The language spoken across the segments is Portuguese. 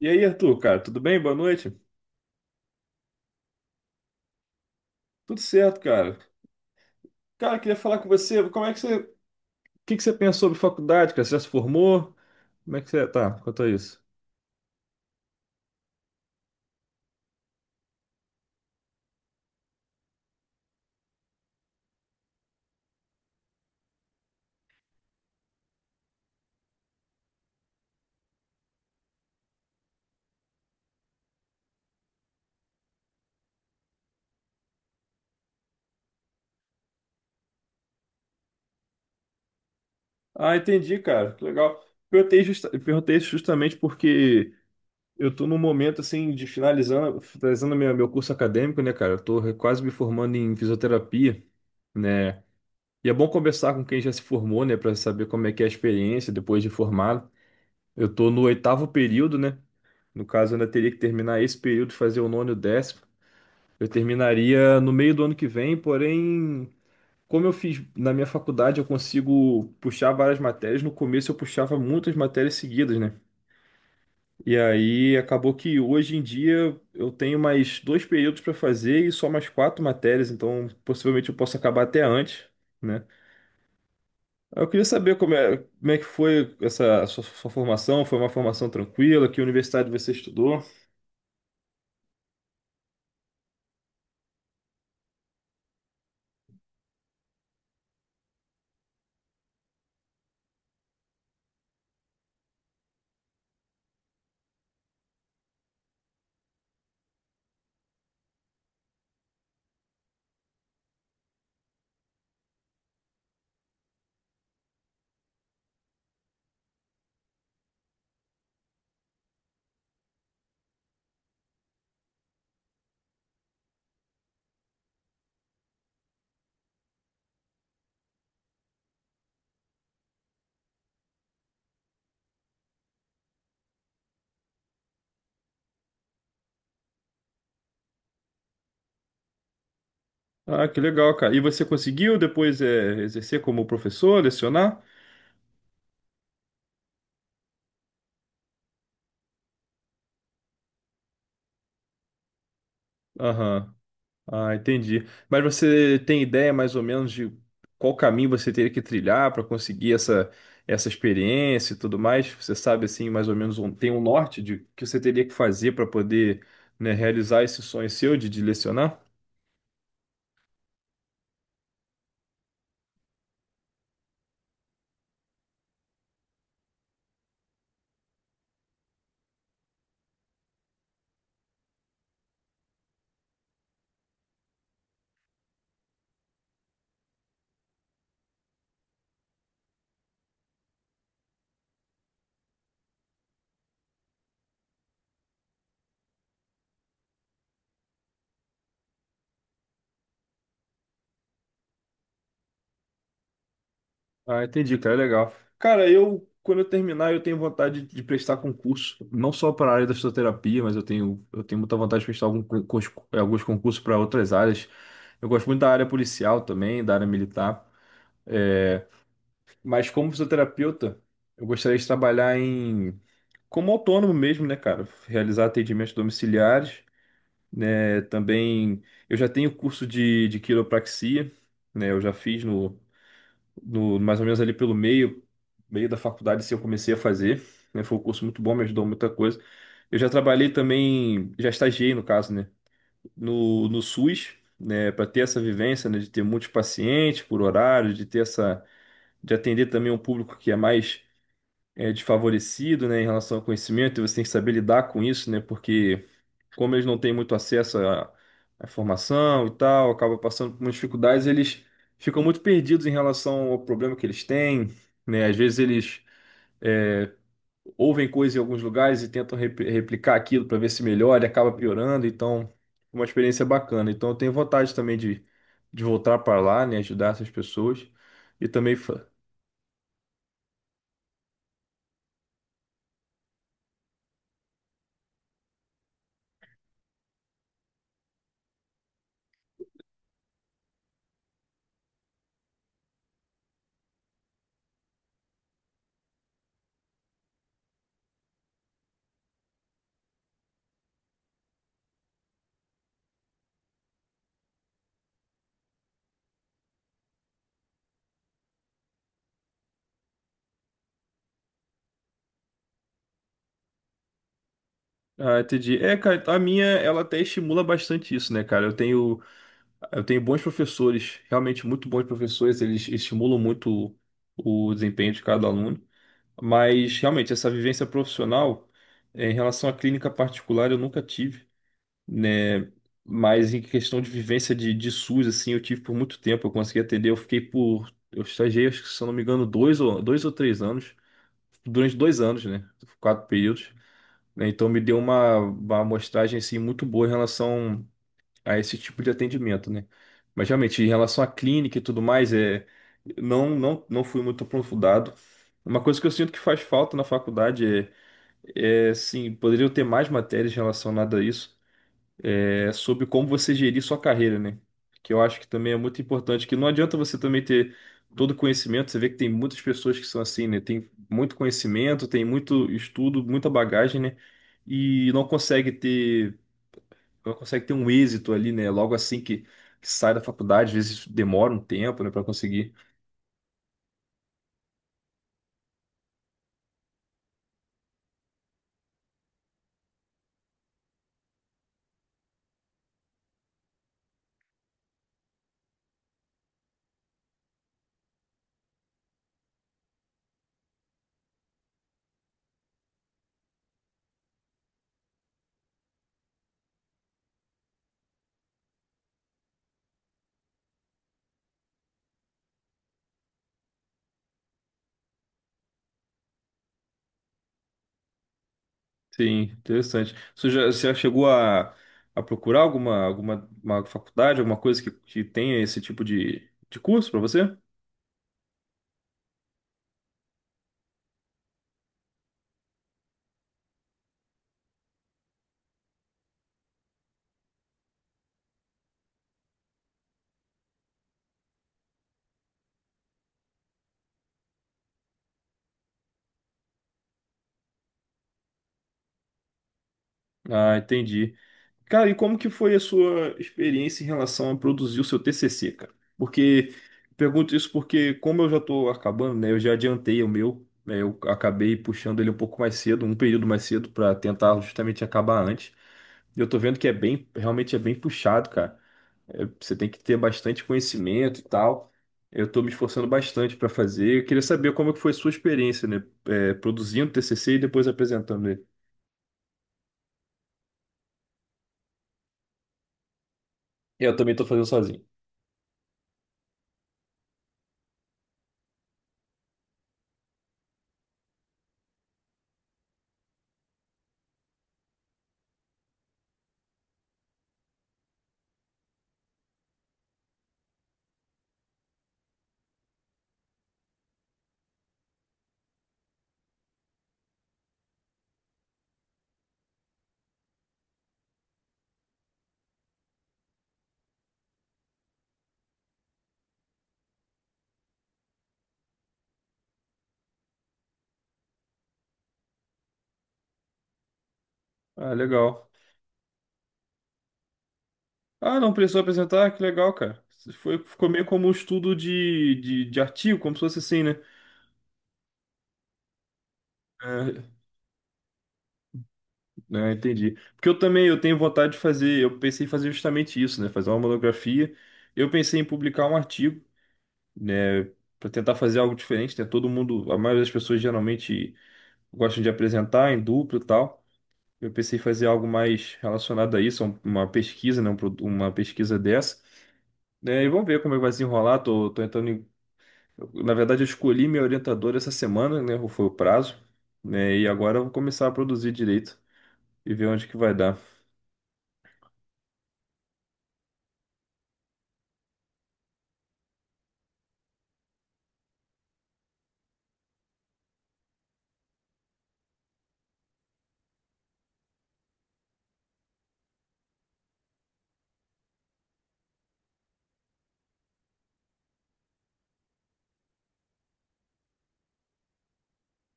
E aí, Arthur, cara, tudo bem? Boa noite. Tudo certo, cara. Cara, queria falar com você. Como é que o que que você pensa sobre faculdade, cara? Você já se formou? Como é que você tá quanto a isso? Ah, entendi, cara. Que legal. Perguntei, perguntei isso justamente porque eu tô num momento assim de finalizando meu curso acadêmico, né, cara? Eu tô quase me formando em fisioterapia, né? E é bom conversar com quem já se formou, né, pra saber como é que é a experiência depois de formado. Eu tô no oitavo período, né? No caso, eu ainda teria que terminar esse período, fazer o nono e o 10º. Eu terminaria no meio do ano que vem, porém, como eu fiz na minha faculdade, eu consigo puxar várias matérias. No começo, eu puxava muitas matérias seguidas, né? E aí acabou que hoje em dia eu tenho mais dois períodos para fazer e só mais quatro matérias, então possivelmente eu posso acabar até antes. Né? Eu queria saber como é que foi essa sua formação. Foi uma formação tranquila? Que universidade você estudou? Ah, que legal, cara. E você conseguiu depois exercer como professor, lecionar? Aham. Ah, entendi. Mas você tem ideia mais ou menos de qual caminho você teria que trilhar para conseguir essa experiência e tudo mais? Você sabe, assim, mais ou menos, um, tem um norte de que você teria que fazer para poder, né, realizar esse sonho seu de lecionar? Ah, entendi, cara, legal. Cara, quando eu terminar, eu tenho vontade de prestar concurso, não só para a área da fisioterapia, mas eu tenho muita vontade de prestar algum alguns concursos para outras áreas. Eu gosto muito da área policial também, da área militar. É, mas como fisioterapeuta, eu gostaria de trabalhar como autônomo mesmo, né, cara? Realizar atendimentos domiciliares, né? Também, eu já tenho curso de quiropraxia, né? Eu já fiz no no, mais ou menos ali pelo meio da faculdade, se eu comecei a fazer, né? Foi um curso muito bom, me ajudou muita coisa. Eu já trabalhei também, já estagiei no caso, né? No SUS, né? Para ter essa vivência, né? De ter muitos pacientes por horário, de atender também um público que é mais desfavorecido, né? Em relação ao conhecimento, e você tem que saber lidar com isso, né? Porque como eles não têm muito acesso à informação e tal, acaba passando por umas dificuldades, eles ficam muito perdidos em relação ao problema que eles têm, né? Às vezes eles é, ouvem coisas em alguns lugares e tentam replicar aquilo para ver se melhora e acaba piorando, então é uma experiência bacana. Então eu tenho vontade também de voltar para lá, né? Ajudar essas pessoas e também ah, entendi. É, cara, a minha, ela até estimula bastante isso, né, cara? Eu tenho bons professores, realmente muito bons professores, eles estimulam muito o desempenho de cada aluno, mas realmente essa vivência profissional, em relação à clínica particular, eu nunca tive, né? Mas em questão de vivência de SUS, assim, eu tive por muito tempo, eu consegui atender, eu fiquei eu estagiei, acho que, se eu não me engano, dois ou três anos, durante 2 anos, né? Quatro períodos, né? Então me deu uma amostragem, assim, muito boa em relação a esse tipo de atendimento, né? Mas realmente, em relação à clínica e tudo mais, não, não, não fui muito aprofundado. Uma coisa que eu sinto que faz falta na faculdade é sim, poderiam ter mais matérias relacionadas a isso, sobre como você gerir sua carreira, né? Que eu acho que também é muito importante, que não adianta você também ter todo o conhecimento, você vê que tem muitas pessoas que são assim, né? Tem muito conhecimento, tem muito estudo, muita bagagem, né? E não consegue ter, ela consegue ter um êxito ali, né? Logo assim que sai da faculdade, às vezes demora um tempo, né, para conseguir. Sim, interessante. Você já chegou a procurar alguma, alguma uma faculdade, alguma coisa que tenha esse tipo de curso para você? Ah, entendi. Cara, e como que foi a sua experiência em relação a produzir o seu TCC, cara? Porque pergunto isso porque como eu já estou acabando, né? Eu já adiantei o meu, né? Eu acabei puxando ele um pouco mais cedo, um período mais cedo para tentar justamente acabar antes. E eu tô vendo que é bem, realmente é bem puxado, cara. É, você tem que ter bastante conhecimento e tal. Eu tô me esforçando bastante para fazer. Eu queria saber como é que foi a sua experiência, né? É, produzindo TCC e depois apresentando ele. Eu também tô fazendo sozinho. Ah, legal. Ah, não precisou apresentar? Que legal, cara. Foi, ficou meio como um estudo de artigo, como se fosse assim, né? É, é, entendi. Porque eu também eu tenho vontade de fazer, eu pensei em fazer justamente isso, né? Fazer uma monografia. Eu pensei em publicar um artigo, né? Para tentar fazer algo diferente, né? Todo mundo, a maioria das pessoas geralmente gostam de apresentar em duplo e tal. Eu pensei em fazer algo mais relacionado a isso, uma pesquisa, né? Uma pesquisa dessa, né? E vamos ver como é que vai se enrolar. Tô, tô entrando em Na verdade, eu escolhi meu orientador essa semana, né? Foi o prazo, né? E agora eu vou começar a produzir direito e ver onde que vai dar.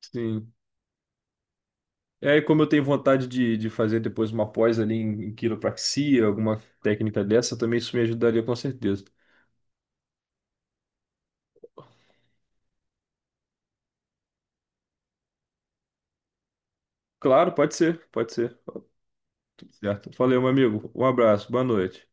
Sim. E aí, como eu tenho vontade de fazer depois uma pós ali em quiropraxia, alguma técnica dessa, também isso me ajudaria com certeza. Claro, pode ser, pode ser. Tudo certo. Valeu, meu amigo. Um abraço, boa noite.